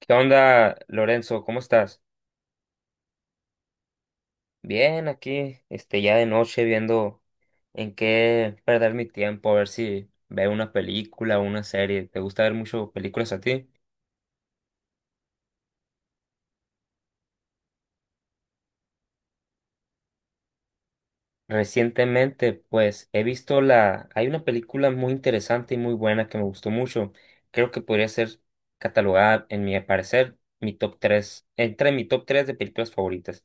¿Qué onda, Lorenzo? ¿Cómo estás? Bien, aquí, ya de noche viendo en qué perder mi tiempo, a ver si veo una película o una serie. ¿Te gusta ver mucho películas a ti? Recientemente, pues, he visto Hay una película muy interesante y muy buena que me gustó mucho. Creo que podría ser catalogada, en mi parecer, mi top 3, entre mi top 3 de películas favoritas.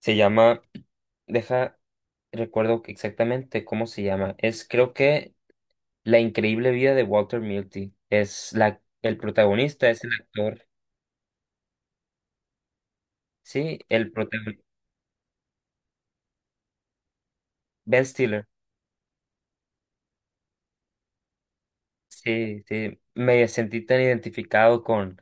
Se llama... Deja, recuerdo exactamente cómo se llama. La increíble vida de Walter Mitty. Es el protagonista, es el actor. Sí, el protagonista. Ben Stiller. Sí, sí. Me sentí tan identificado con,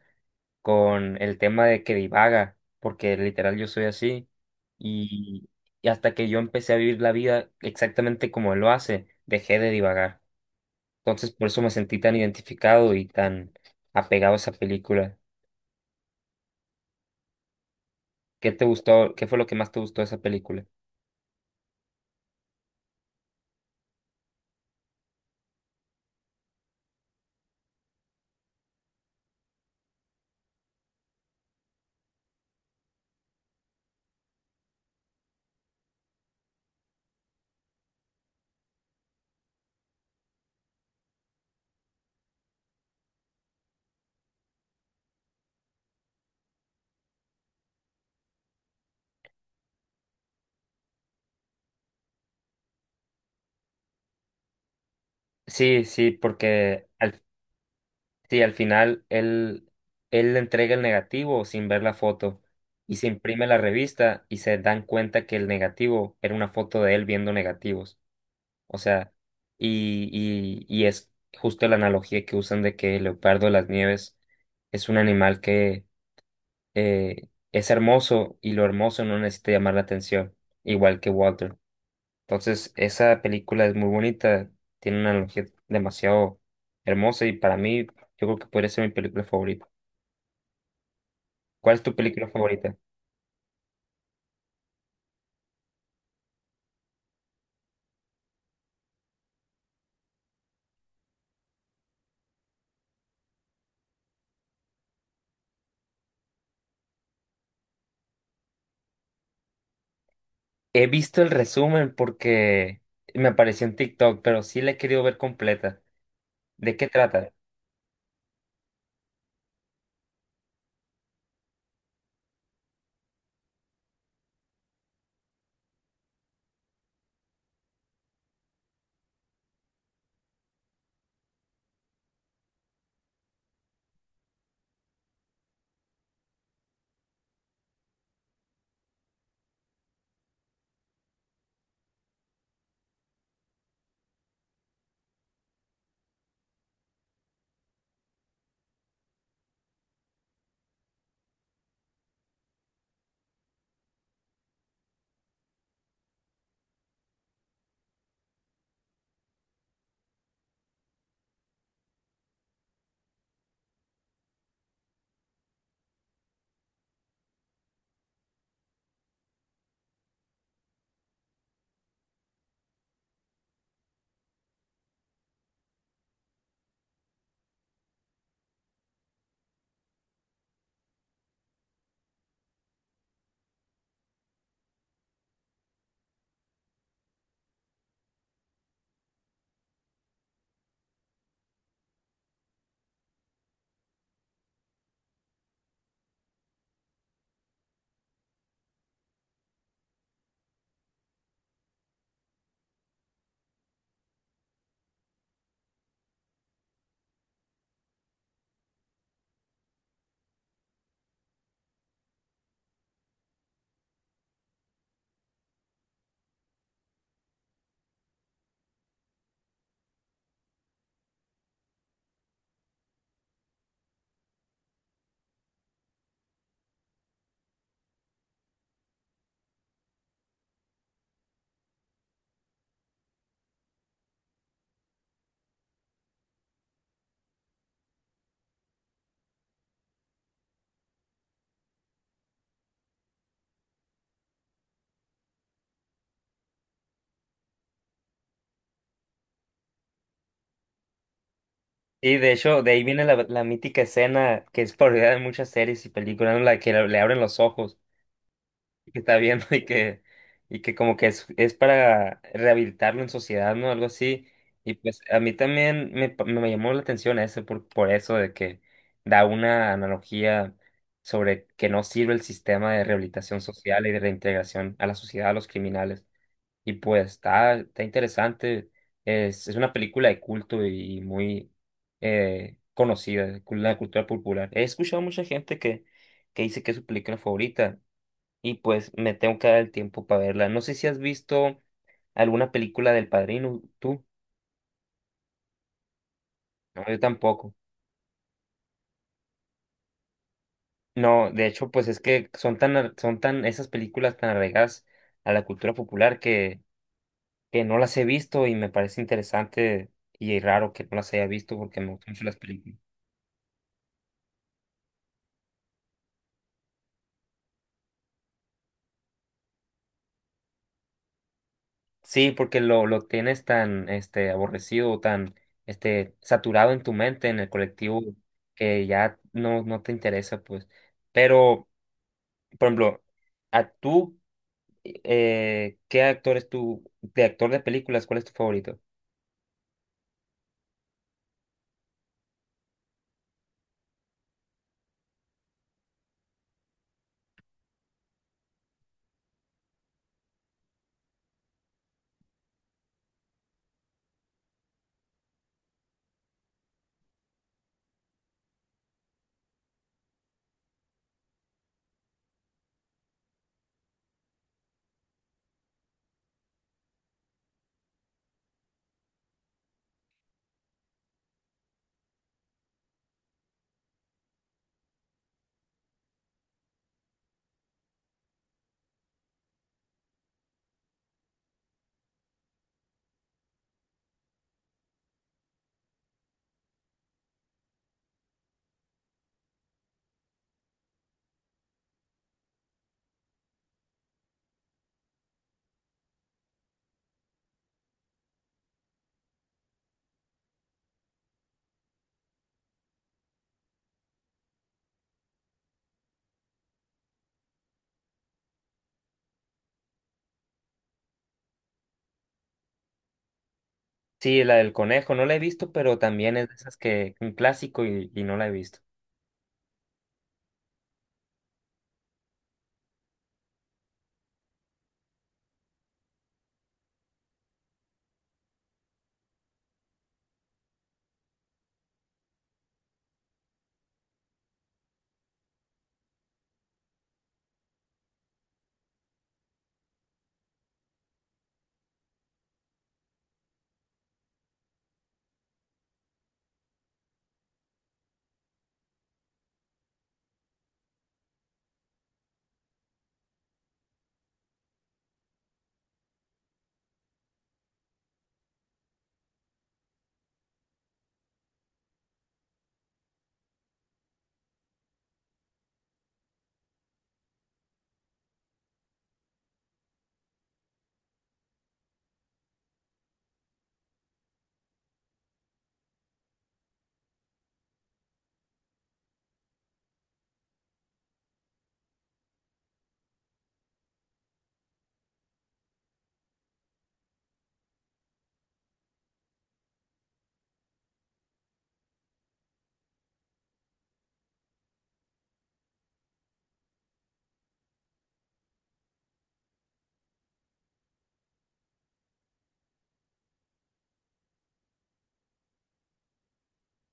con el tema de que divaga, porque literal yo soy así. Y, y hasta que yo empecé a vivir la vida exactamente como él lo hace, dejé de divagar. Entonces por eso me sentí tan identificado y tan apegado a esa película. ¿Qué te gustó? ¿Qué fue lo que más te gustó de esa película? Sí, sí. porque al Sí, al final él le entrega el negativo sin ver la foto y se imprime la revista y se dan cuenta que el negativo era una foto de él viendo negativos. O sea, y es justo la analogía que usan de que el leopardo de las nieves es un animal que es hermoso y lo hermoso no necesita llamar la atención, igual que Walter. Entonces, esa película es muy bonita, tiene una analogía demasiado hermosa y para mí yo creo que podría ser mi película favorita. ¿Cuál es tu película favorita? He visto el resumen porque me apareció en TikTok, pero sí la he querido ver completa. ¿De qué trata? Y de hecho, de ahí viene la mítica escena que es parodia de muchas series y películas, ¿no?, la que le abren los ojos, que está viendo y que como que es para rehabilitarlo en sociedad, ¿no? Algo así. Y pues a mí también me llamó la atención eso por eso de que da una analogía sobre que no sirve el sistema de rehabilitación social y de reintegración a la sociedad, a los criminales. Y pues está interesante. Es una película de culto y muy conocida, la cultura popular. He escuchado mucha gente que dice que es su película favorita y pues me tengo que dar el tiempo para verla. No sé si has visto alguna película del Padrino, tú. No, yo tampoco. No, de hecho, pues es que son tan, esas películas tan arraigadas a la cultura popular que no las he visto y me parece interesante y raro que no las haya visto porque me gustan mucho las películas. Sí, porque lo tienes tan, aborrecido, tan, saturado en tu mente, en el colectivo, que ya no te interesa, pues. Pero, por ejemplo, a tú ¿qué actor es tu, de actor de películas, cuál es tu favorito? Sí, la del conejo, no la he visto, pero también es de esas que un clásico y no la he visto.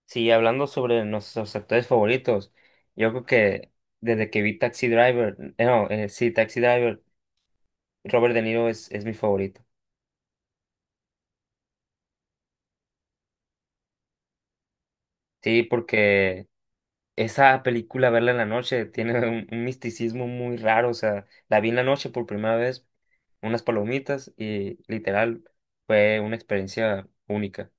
Sí, hablando sobre nuestros actores favoritos, yo creo que desde que vi Taxi Driver, no, sí, Taxi Driver, Robert De Niro es mi favorito. Sí, porque Esa película, verla en la noche, tiene un misticismo muy raro. O sea, la vi en la noche por primera vez, unas palomitas y literal fue una experiencia única.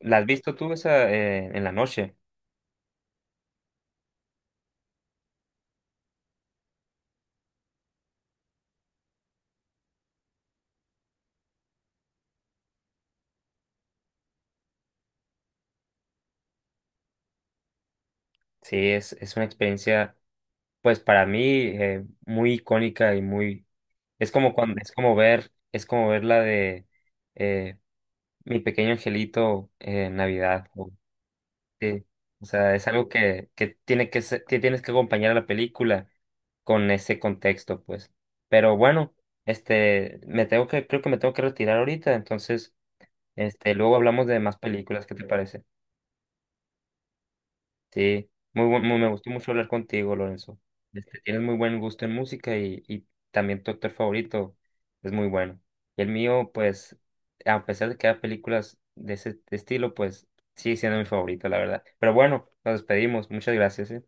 ¿La has visto tú esa en la noche? Sí, es una experiencia, pues para mí, muy icónica Es como ver la de eh, Mi Pequeño Angelito en Navidad. Sí, o sea, es algo que tienes que acompañar a la película con ese contexto, pues. Pero bueno, creo que me tengo que retirar ahorita, entonces, luego hablamos de más películas, ¿qué te parece? Sí, me gustó mucho hablar contigo, Lorenzo. Tienes muy buen gusto en música y también tu actor favorito es muy bueno. Y el mío, pues, a pesar de que hay películas de ese estilo, pues, sigue siendo mi favorito, la verdad. Pero bueno, nos despedimos. Muchas gracias, ¿eh?